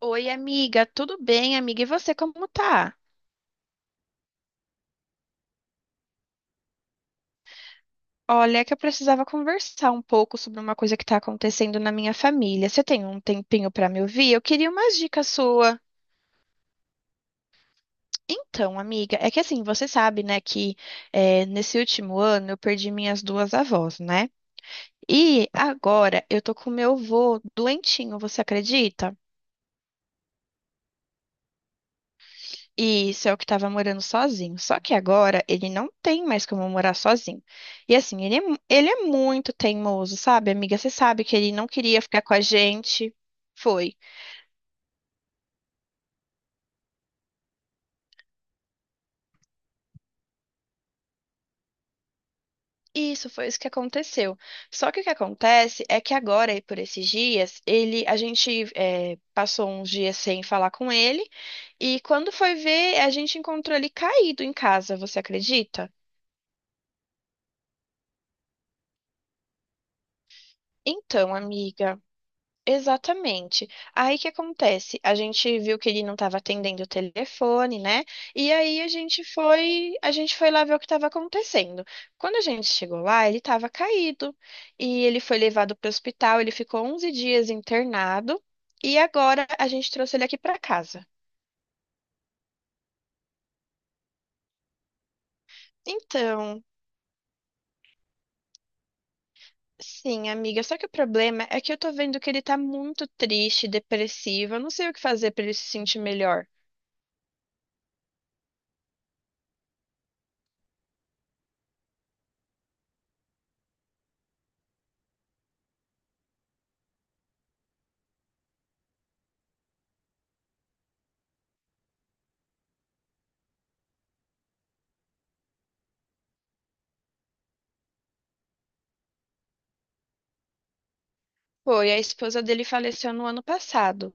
Oi, amiga, tudo bem, amiga? E você, como tá? Olha, é que eu precisava conversar um pouco sobre uma coisa que tá acontecendo na minha família. Você tem um tempinho pra me ouvir? Eu queria umas dicas sua. Então, amiga, é que assim, você sabe, né, que nesse último ano eu perdi minhas duas avós, né? E agora eu tô com meu avô doentinho, você acredita? E isso é o que estava morando sozinho. Só que agora ele não tem mais como morar sozinho. E assim, ele é, ele é muito teimoso, sabe, amiga? Você sabe que ele não queria ficar com a gente. Foi. Isso foi isso que aconteceu. Só que o que acontece é que agora, e por esses dias, ele, a gente passou uns dias sem falar com ele. E quando foi ver, a gente encontrou ele caído em casa, você acredita? Então, amiga. Exatamente. Aí o que acontece? A gente viu que ele não estava atendendo o telefone, né? E aí a gente foi lá ver o que estava acontecendo. Quando a gente chegou lá, ele estava caído e ele foi levado para o hospital. Ele ficou 11 dias internado e agora a gente trouxe ele aqui para casa. Então, sim, amiga. Só que o problema é que eu tô vendo que ele tá muito triste, depressivo. Eu não sei o que fazer para ele se sentir melhor. Foi, a esposa dele faleceu no ano passado.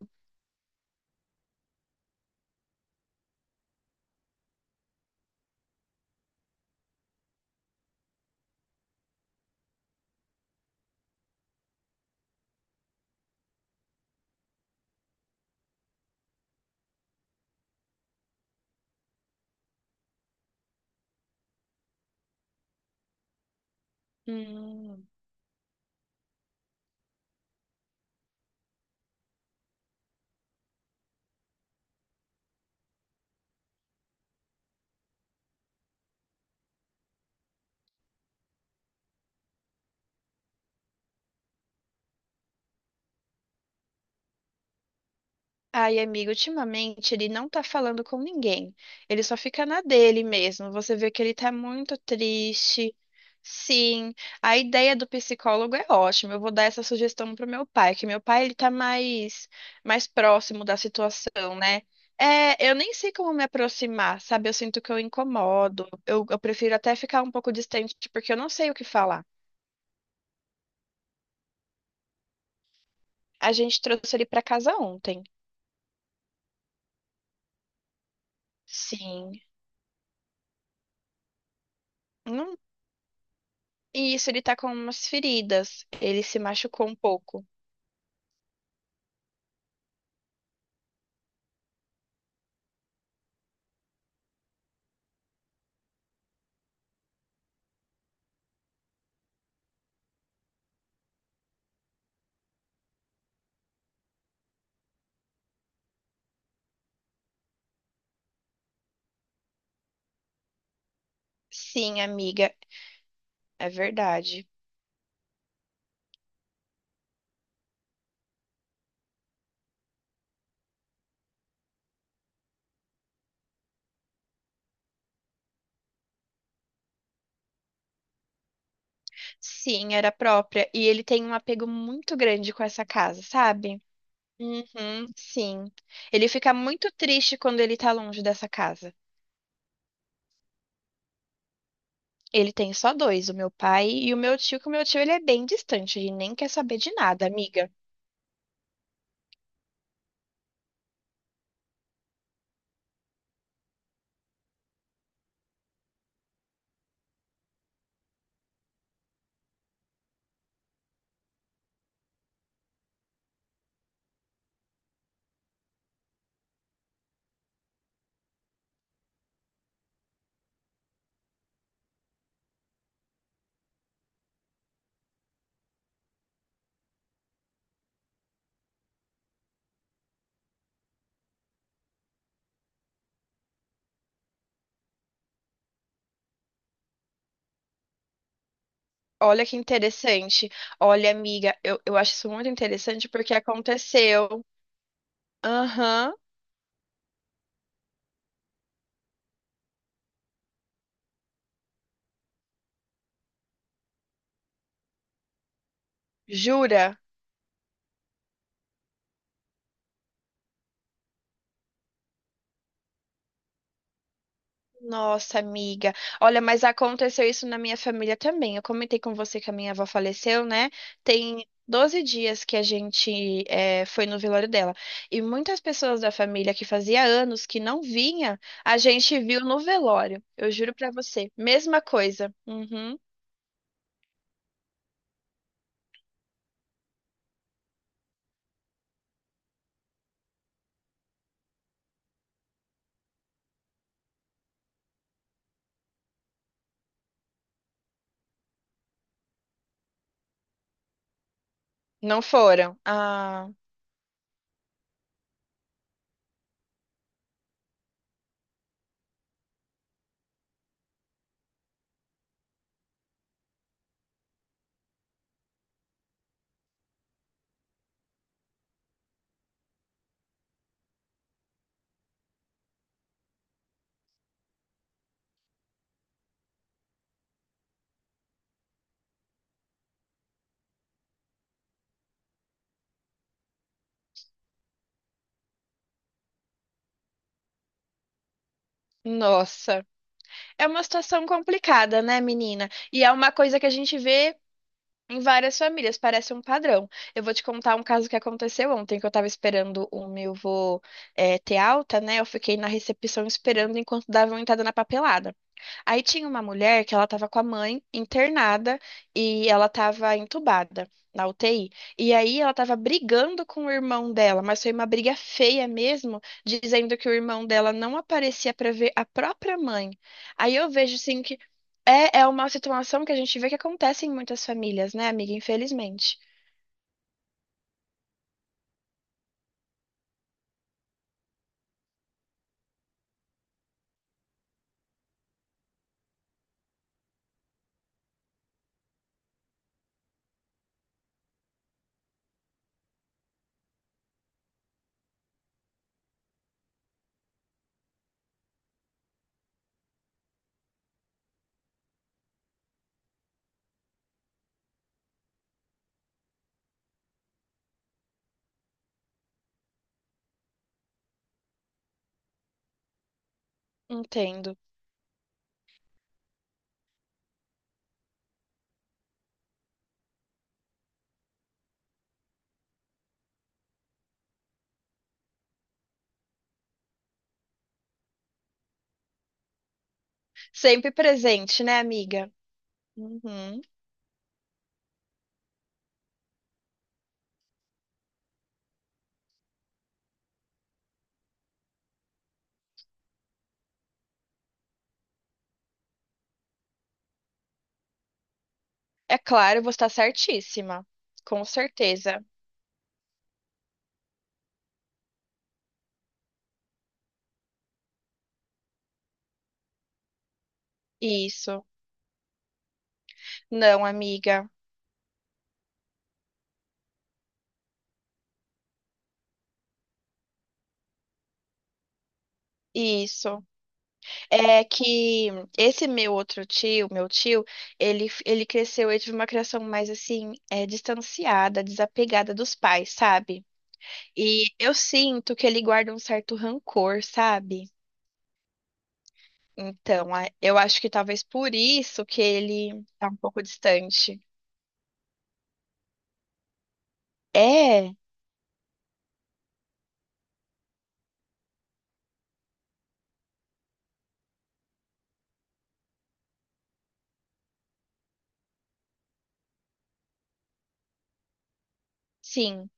Hum. Ai, amigo, ultimamente ele não tá falando com ninguém. Ele só fica na dele mesmo. Você vê que ele tá muito triste. Sim, a ideia do psicólogo é ótima. Eu vou dar essa sugestão pro meu pai, que meu pai ele tá mais próximo da situação, né? É, eu nem sei como me aproximar, sabe? Eu sinto que eu incomodo. Eu prefiro até ficar um pouco distante porque eu não sei o que falar. A gente trouxe ele pra casa ontem. Sim. E isso, ele tá com umas feridas. Ele se machucou um pouco. Sim, amiga, é verdade. Sim, era própria. E ele tem um apego muito grande com essa casa, sabe? Uhum, sim. Ele fica muito triste quando ele tá longe dessa casa. Ele tem só dois, o meu pai e o meu tio, que o meu tio ele é bem distante, ele nem quer saber de nada, amiga. Olha que interessante. Olha, amiga, eu acho isso muito interessante porque aconteceu. Aham, jura? Nossa, amiga. Olha, mas aconteceu isso na minha família também. Eu comentei com você que a minha avó faleceu, né? Tem 12 dias que a gente foi no velório dela. E muitas pessoas da família que fazia anos que não vinha, a gente viu no velório. Eu juro pra você. Mesma coisa. Uhum. Não foram. Ah, nossa. É uma situação complicada, né, menina? E é uma coisa que a gente vê. Em várias famílias, parece um padrão. Eu vou te contar um caso que aconteceu ontem, que eu tava esperando o meu vô ter alta, né? Eu fiquei na recepção esperando enquanto davam entrada na papelada. Aí tinha uma mulher que ela estava com a mãe internada e ela estava entubada na UTI. E aí ela estava brigando com o irmão dela, mas foi uma briga feia mesmo, dizendo que o irmão dela não aparecia para ver a própria mãe. Aí eu vejo assim que é uma situação que a gente vê que acontece em muitas famílias, né, amiga? Infelizmente. Entendo. Sempre presente, né, amiga? Uhum. É claro, você está certíssima. Com certeza. Isso. Não, amiga. Isso. É que esse meu outro tio, meu tio, ele cresceu, ele teve uma criação mais assim, é, distanciada, desapegada dos pais, sabe? E eu sinto que ele guarda um certo rancor, sabe? Então, eu acho que talvez por isso que ele tá um pouco distante. É, sim.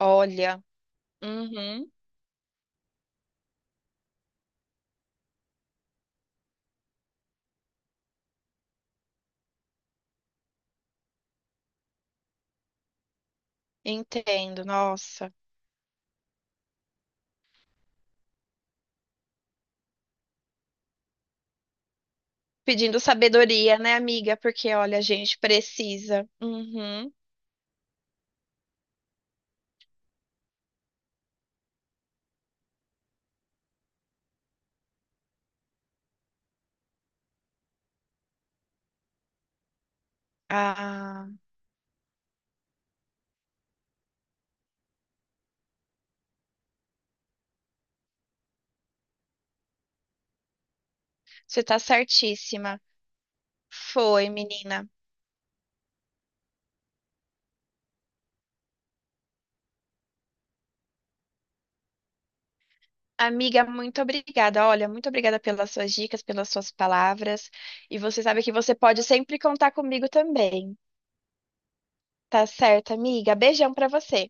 Olha. Uhum, entendo. Nossa. Pedindo sabedoria, né, amiga? Porque, olha, a gente precisa. Uhum. Ah. Você tá certíssima. Foi, menina. Amiga, muito obrigada. Olha, muito obrigada pelas suas dicas, pelas suas palavras. E você sabe que você pode sempre contar comigo também. Tá certo, amiga? Beijão pra você.